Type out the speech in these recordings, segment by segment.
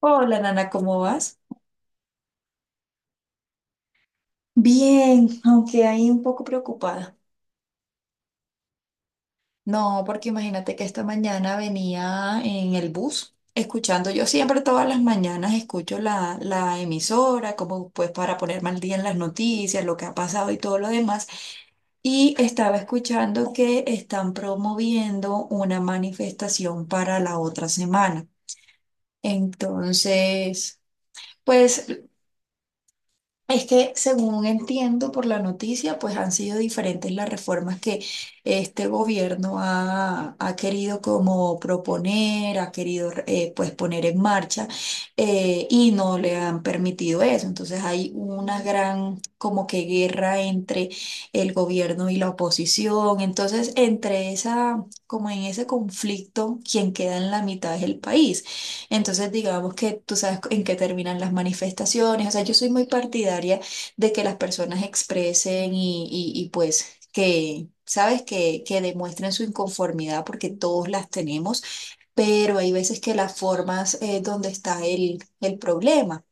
Hola, Nana, ¿cómo vas? Bien, aunque ahí un poco preocupada. No, porque imagínate que esta mañana venía en el bus escuchando, yo siempre todas las mañanas escucho la emisora, como pues para ponerme al día en las noticias, lo que ha pasado y todo lo demás. Y estaba escuchando que están promoviendo una manifestación para la otra semana. Entonces, pues es que, según entiendo por la noticia, pues han sido diferentes las reformas que este gobierno ha querido como proponer, ha querido pues poner en marcha eh,, y no le han permitido eso. Entonces hay una gran como que guerra entre el gobierno y la oposición. Entonces, entre esa, como en ese conflicto, quien queda en la mitad es el país. Entonces, digamos que tú sabes en qué terminan las manifestaciones. O sea, yo soy muy partidaria de que las personas expresen y pues que, sabes, que demuestren su inconformidad porque todos las tenemos, pero hay veces que las formas es donde está el problema.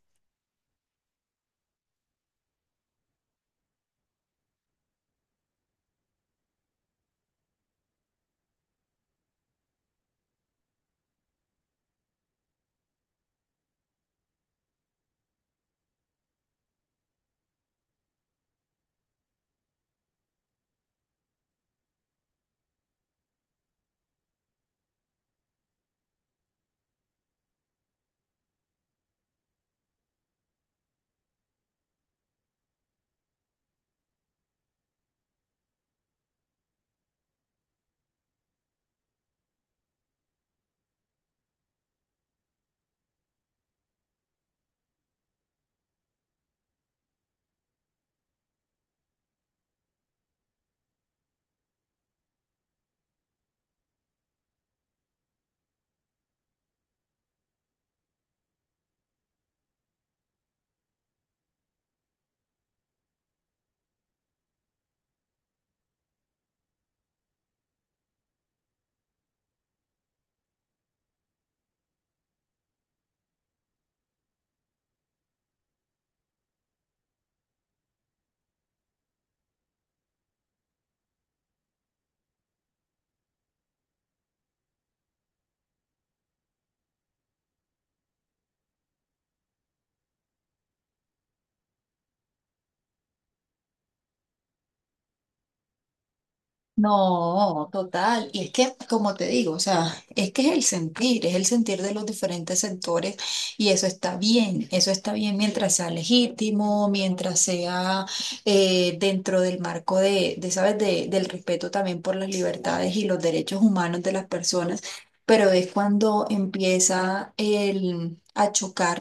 No, total. Y es que, como te digo, o sea, es que es el sentir de los diferentes sectores y eso está bien mientras sea legítimo, mientras sea dentro del marco de ¿sabes?, de, del respeto también por las libertades y los derechos humanos de las personas, pero es cuando empieza a chocar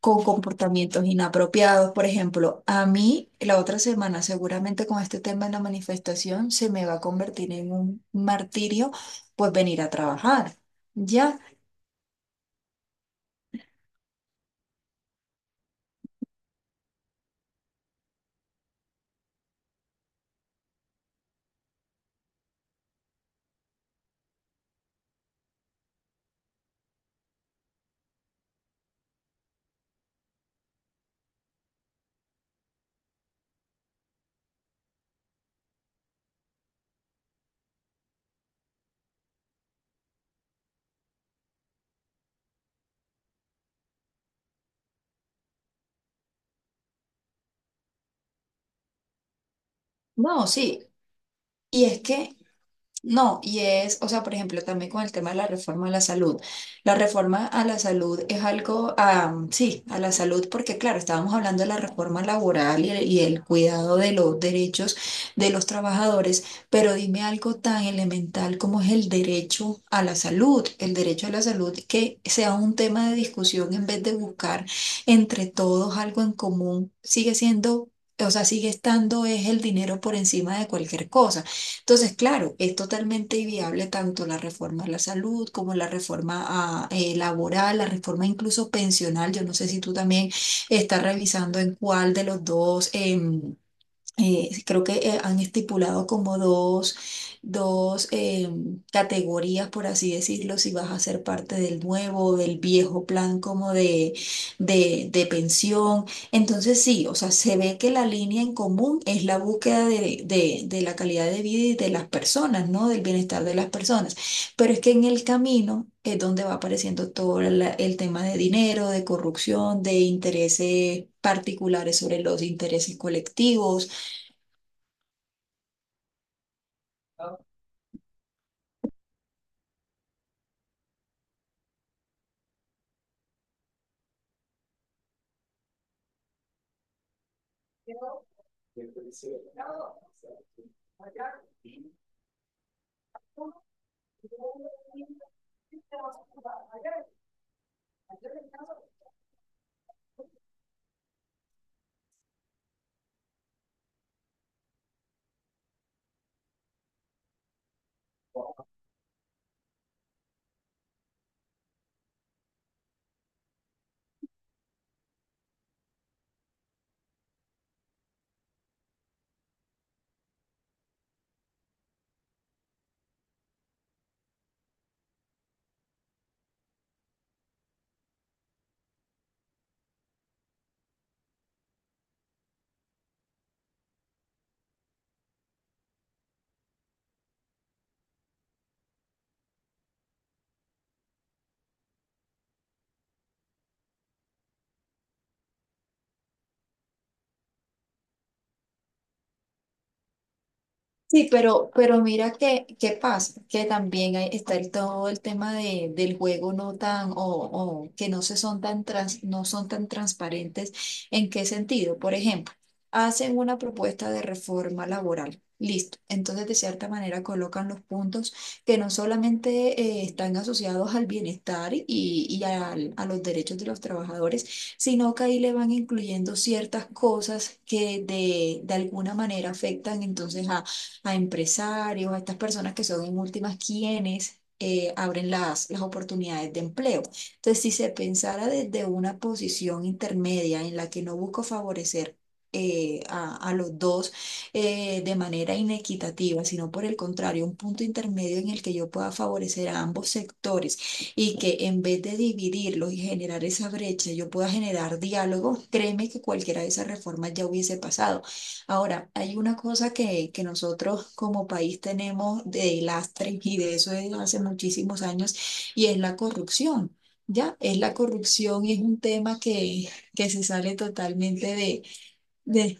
con comportamientos inapropiados. Por ejemplo, a mí la otra semana, seguramente con este tema de la manifestación, se me va a convertir en un martirio, pues venir a trabajar. Ya, no, sí. Y es que no, y es, o sea, por ejemplo, también con el tema de la reforma a la salud. La reforma a la salud es algo, sí, a la salud, porque claro, estábamos hablando de la reforma laboral y y el cuidado de los derechos de los trabajadores, pero dime algo tan elemental como es el derecho a la salud, el derecho a la salud que sea un tema de discusión en vez de buscar entre todos algo en común, sigue siendo... O sea, sigue estando es el dinero por encima de cualquier cosa. Entonces, claro, es totalmente viable tanto la reforma a la salud como la reforma a, laboral, la reforma incluso pensional. Yo no sé si tú también estás revisando en cuál de los dos. Sí, creo que han estipulado como dos categorías, por así decirlo, si vas a ser parte del nuevo o del viejo plan como de pensión. Entonces sí, o sea, se ve que la línea en común es la búsqueda de la calidad de vida y de las personas, ¿no? Del bienestar de las personas. Pero es que en el camino... es donde va apareciendo todo el tema de dinero, de corrupción, de intereses particulares sobre los intereses colectivos. Sí, pero mira que, qué pasa, que también está todo el tema de, del juego no tan, o que no se son tan no son tan transparentes. ¿En qué sentido? Por ejemplo, hacen una propuesta de reforma laboral. Listo. Entonces, de cierta manera, colocan los puntos que no solamente están asociados al bienestar y, a los derechos de los trabajadores, sino que ahí le van incluyendo ciertas cosas que de alguna manera afectan entonces a empresarios, a estas personas que son en últimas quienes abren las oportunidades de empleo. Entonces, si se pensara desde una posición intermedia en la que no busco favorecer a los dos de manera inequitativa, sino por el contrario, un punto intermedio en el que yo pueda favorecer a ambos sectores y que en vez de dividirlos y generar esa brecha, yo pueda generar diálogo, créeme que cualquiera de esas reformas ya hubiese pasado. Ahora, hay una cosa que nosotros como país tenemos de lastre y de eso es hace muchísimos años y es la corrupción. Ya, es la corrupción y es un tema que se sale totalmente de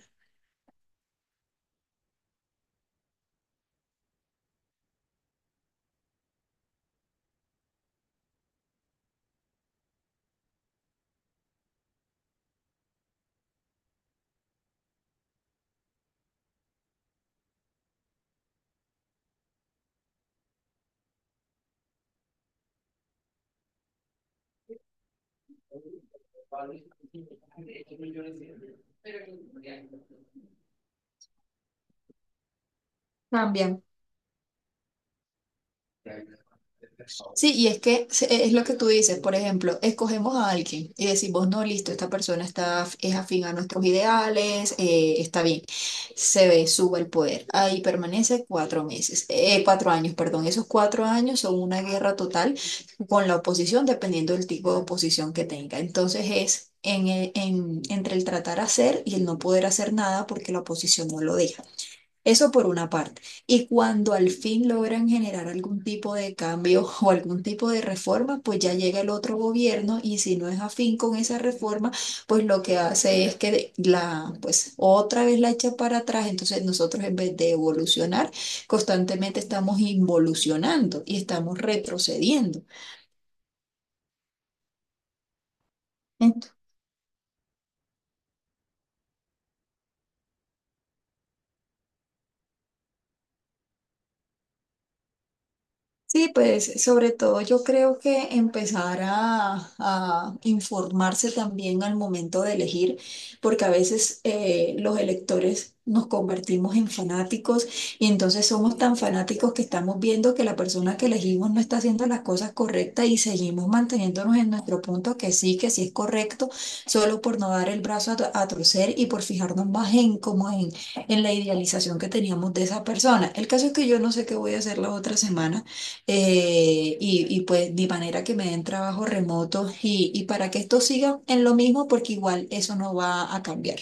cambiamos. Sí, y es que es lo que tú dices, por ejemplo, escogemos a alguien y decimos, no, listo, esta persona está, es afín a nuestros ideales, está bien, se ve, sube el poder, ahí permanece cuatro meses, cuatro años, perdón, esos cuatro años son una guerra total con la oposición, dependiendo del tipo de oposición que tenga. Entonces es entre el tratar hacer y el no poder hacer nada porque la oposición no lo deja. Eso por una parte. Y cuando al fin logran generar algún tipo de cambio o algún tipo de reforma, pues ya llega el otro gobierno y si no es afín con esa reforma, pues lo que hace es que la, pues otra vez la echa para atrás. Entonces nosotros en vez de evolucionar, constantemente estamos involucionando y estamos retrocediendo. Sí, pues sobre todo yo creo que empezar a informarse también al momento de elegir, porque a veces los electores nos convertimos en fanáticos y entonces somos tan fanáticos que estamos viendo que la persona que elegimos no está haciendo las cosas correctas y seguimos manteniéndonos en nuestro punto que sí es correcto, solo por no dar el brazo a, a torcer y por fijarnos más en como en la idealización que teníamos de esa persona. El caso es que yo no sé qué voy a hacer la otra semana. Y pues de manera que me den trabajo remoto y para que esto siga en lo mismo, porque igual eso no va a cambiar.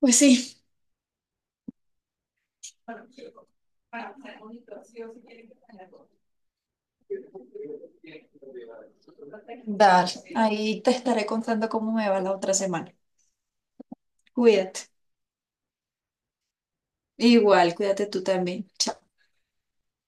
Pues sí, dale, ahí te estaré contando cómo me va la otra semana. Cuídate. Igual, cuídate tú también. Chao.